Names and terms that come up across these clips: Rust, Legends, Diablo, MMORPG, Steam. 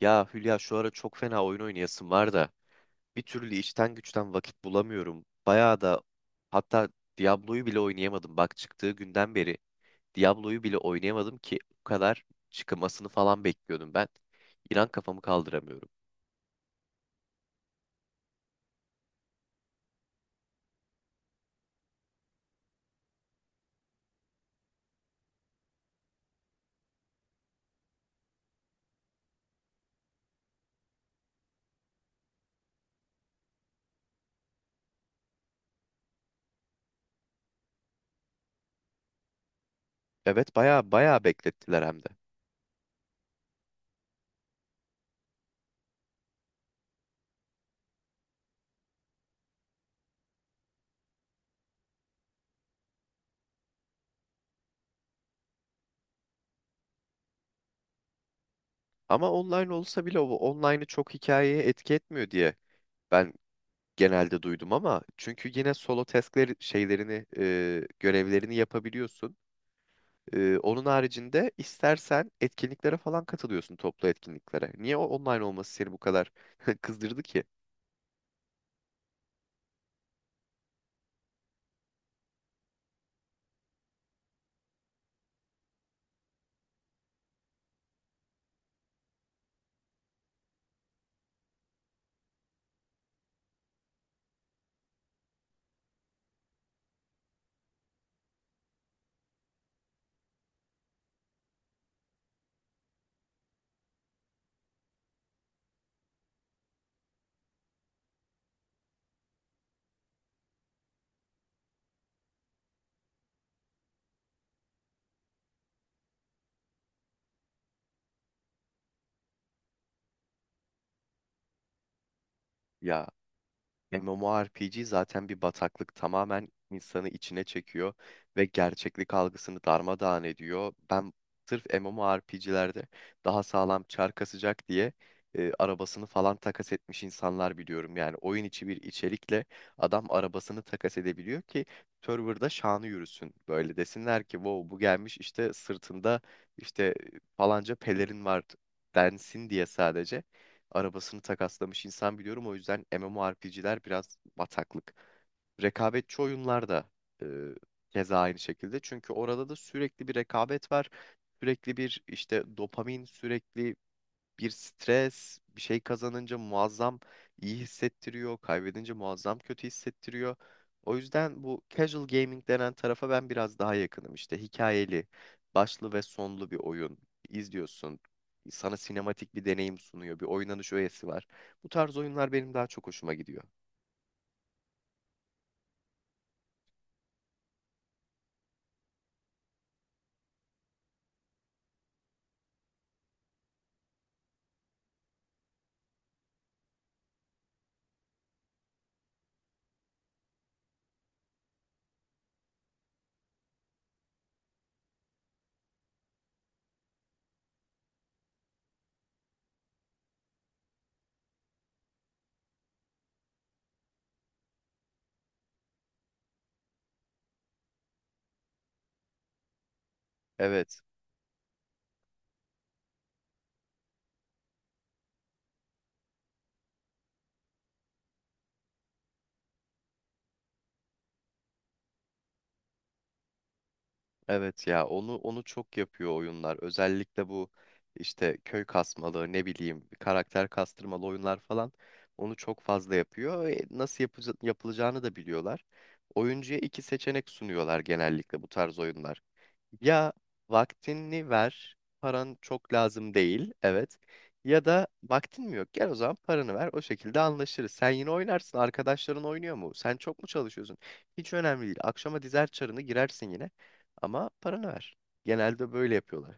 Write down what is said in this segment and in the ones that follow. Ya Hülya, şu ara çok fena oyun oynayasım var da bir türlü işten güçten vakit bulamıyorum. Bayağı da, hatta Diablo'yu bile oynayamadım. Bak, çıktığı günden beri Diablo'yu bile oynayamadım ki o kadar çıkmasını falan bekliyordum ben. İnan kafamı kaldıramıyorum. Evet, bayağı bayağı beklettiler hem de. Ama online olsa bile o online'ı çok hikayeye etki etmiyor diye ben genelde duydum, ama çünkü yine solo task'leri şeylerini görevlerini yapabiliyorsun. Onun haricinde istersen etkinliklere falan katılıyorsun, toplu etkinliklere. Niye o online olması seni bu kadar kızdırdı ki? Ya, MMORPG zaten bir bataklık, tamamen insanı içine çekiyor ve gerçeklik algısını darmadağın ediyor. Ben sırf MMORPG'lerde daha sağlam çar kasacak diye arabasını falan takas etmiş insanlar biliyorum. Yani oyun içi bir içerikle adam arabasını takas edebiliyor ki serverda şanı yürüsün. Böyle desinler ki wow, bu gelmiş işte sırtında işte falanca pelerin var densin diye sadece arabasını takaslamış insan biliyorum. O yüzden MMORPG'ler biraz bataklık. Rekabetçi oyunlar da e, keza aynı şekilde. Çünkü orada da sürekli bir rekabet var. Sürekli bir işte dopamin, sürekli bir stres, bir şey kazanınca muazzam iyi hissettiriyor, kaybedince muazzam kötü hissettiriyor. O yüzden bu casual gaming denen tarafa ben biraz daha yakınım. İşte hikayeli, başlı ve sonlu bir oyun izliyorsun. Sana sinematik bir deneyim sunuyor, bir oynanış öğesi var. Bu tarz oyunlar benim daha çok hoşuma gidiyor. Evet. Evet ya, onu çok yapıyor oyunlar. Özellikle bu işte köy kasmalı, ne bileyim karakter kastırmalı oyunlar falan, onu çok fazla yapıyor. Yapılacağını da biliyorlar. Oyuncuya iki seçenek sunuyorlar genellikle bu tarz oyunlar. Ya vaktini ver, paran çok lazım değil, evet. Ya da vaktin mi yok? Gel o zaman paranı ver, o şekilde anlaşırız. Sen yine oynarsın, arkadaşların oynuyor mu? Sen çok mu çalışıyorsun? Hiç önemli değil. Akşama dizer çarını girersin yine. Ama paranı ver. Genelde böyle yapıyorlar.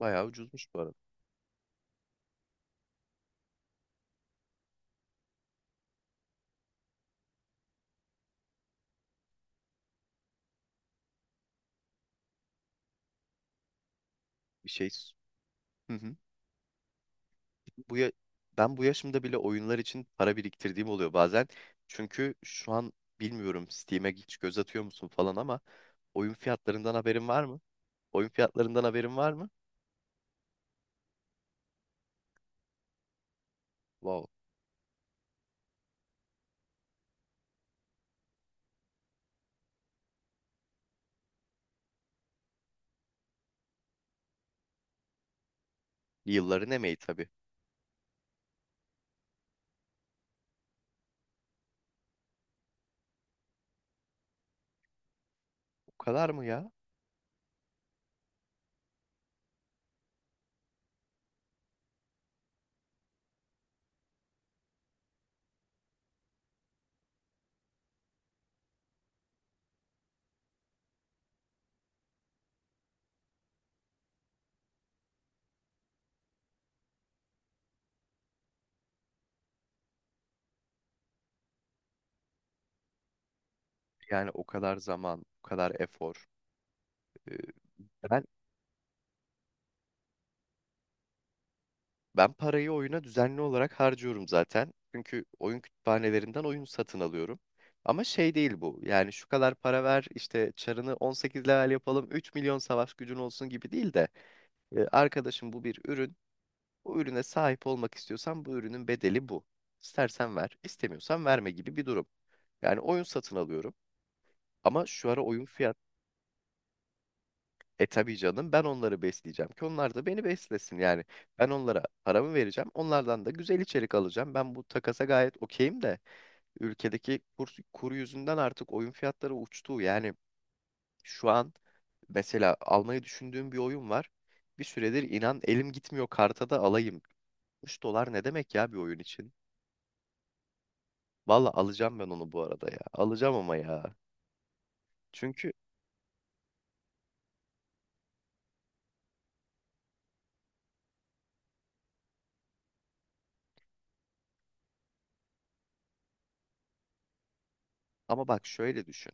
Bayağı ucuzmuş bu arada. Bir şey. s- Hı hı. Bu ya... Ben bu yaşımda bile oyunlar için para biriktirdiğim oluyor bazen. Çünkü şu an bilmiyorum Steam'e hiç göz atıyor musun falan, ama oyun fiyatlarından haberin var mı? Oyun fiyatlarından haberin var mı? Wow. Yılların emeği tabii. O kadar mı ya? Yani o kadar zaman, o kadar efor. Ee, ben ben parayı oyuna düzenli olarak harcıyorum zaten. Çünkü oyun kütüphanelerinden oyun satın alıyorum. Ama şey değil bu. Yani şu kadar para ver, işte çarını 18 level yapalım, 3 milyon savaş gücün olsun gibi değil de arkadaşım, bu bir ürün. Bu ürüne sahip olmak istiyorsan bu ürünün bedeli bu. İstersen ver, istemiyorsan verme gibi bir durum. Yani oyun satın alıyorum. Ama şu ara oyun fiyat. E tabii canım, ben onları besleyeceğim ki onlar da beni beslesin. Yani ben onlara paramı vereceğim. Onlardan da güzel içerik alacağım. Ben bu takasa gayet okeyim de ülkedeki kur, kuru yüzünden artık oyun fiyatları uçtu. Yani şu an mesela almayı düşündüğüm bir oyun var. Bir süredir inan elim gitmiyor karta da alayım. 3 dolar ne demek ya bir oyun için? Valla alacağım ben onu bu arada ya. Alacağım ama ya. Çünkü ama bak şöyle düşün.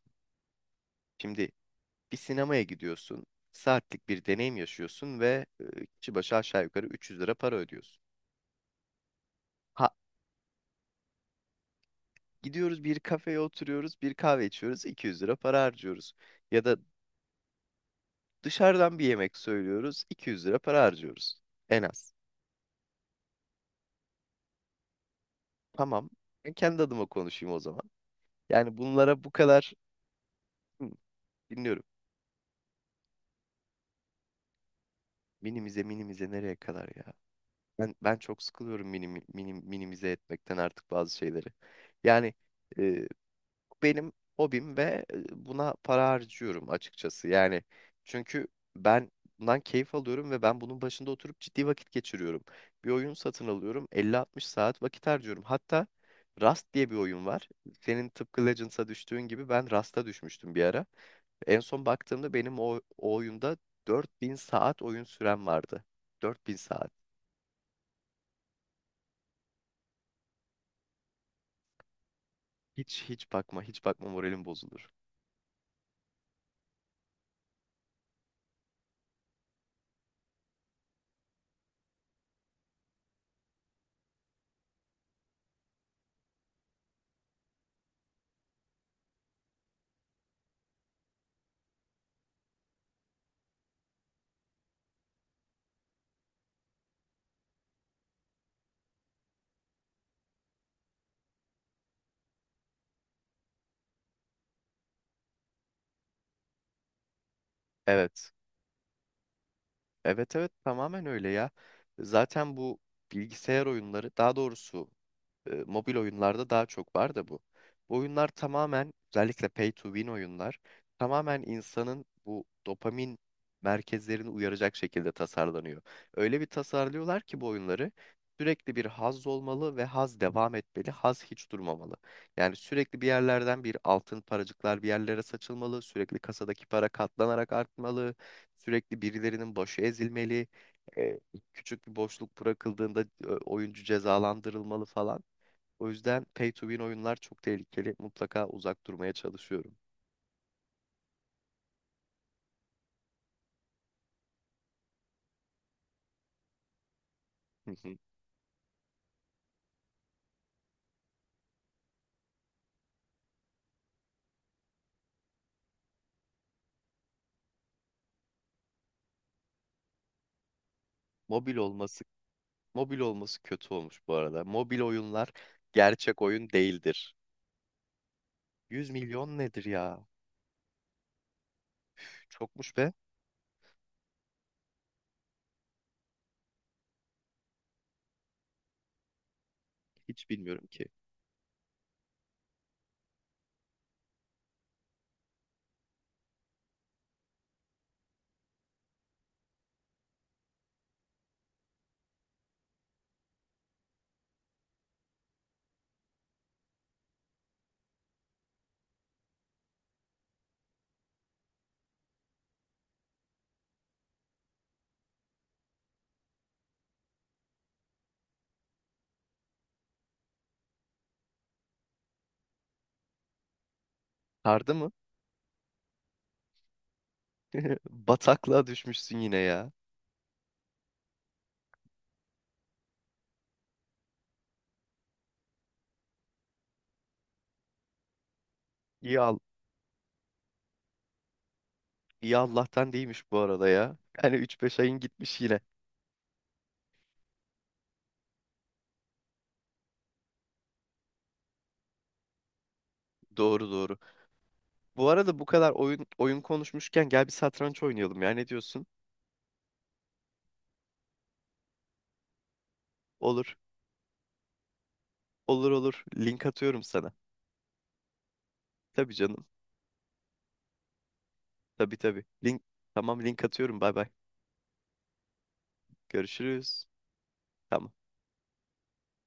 Şimdi bir sinemaya gidiyorsun. Saatlik bir deneyim yaşıyorsun ve kişi başı aşağı yukarı 300 lira para ödüyorsun. Ha, gidiyoruz bir kafeye oturuyoruz, bir kahve içiyoruz, 200 lira para harcıyoruz. Ya da dışarıdan bir yemek söylüyoruz, 200 lira para harcıyoruz. En az. Tamam. Ben kendi adıma konuşayım o zaman. Yani bunlara bu kadar, Hı, dinliyorum. Minimize, minimize nereye kadar ya? Ben çok sıkılıyorum minimize etmekten artık bazı şeyleri. Yani benim hobim ve buna para harcıyorum açıkçası. Yani çünkü ben bundan keyif alıyorum ve ben bunun başında oturup ciddi vakit geçiriyorum. Bir oyun satın alıyorum, elli altmış saat vakit harcıyorum. Hatta Rust diye bir oyun var. Senin tıpkı Legends'a düştüğün gibi ben Rust'a düşmüştüm bir ara. En son baktığımda benim o oyunda 4000 saat oyun sürem vardı. 4000 saat. Hiç bakma, hiç bakma, moralim bozulur. Evet. Evet evet, tamamen öyle ya. Zaten bu bilgisayar oyunları, daha doğrusu mobil oyunlarda daha çok var da bu. Bu oyunlar tamamen, özellikle pay to win oyunlar, tamamen insanın bu dopamin merkezlerini uyaracak şekilde tasarlanıyor. Öyle bir tasarlıyorlar ki bu oyunları, sürekli bir haz olmalı ve haz devam etmeli, haz hiç durmamalı. Yani sürekli bir yerlerden bir altın paracıklar bir yerlere saçılmalı, sürekli kasadaki para katlanarak artmalı, sürekli birilerinin başı ezilmeli, e, küçük bir boşluk bırakıldığında oyuncu cezalandırılmalı falan. O yüzden pay to win oyunlar çok tehlikeli. Mutlaka uzak durmaya çalışıyorum. Hı hı. Mobil olması mobil olması kötü olmuş bu arada. Mobil oyunlar gerçek oyun değildir. 100 milyon nedir ya? Çokmuş be. Hiç bilmiyorum ki. Sardı mı? Bataklığa düşmüşsün yine ya. İyi al iyi Allah'tan değilmiş bu arada ya. Yani 3-5 ayın gitmiş yine. Doğru doğru. Bu arada bu kadar oyun konuşmuşken gel bir satranç oynayalım ya. Ne diyorsun? Olur. Olur olur. Link atıyorum sana. Tabii canım. Tabii tabii. Tamam, link atıyorum. Bay bay. Görüşürüz. Tamam.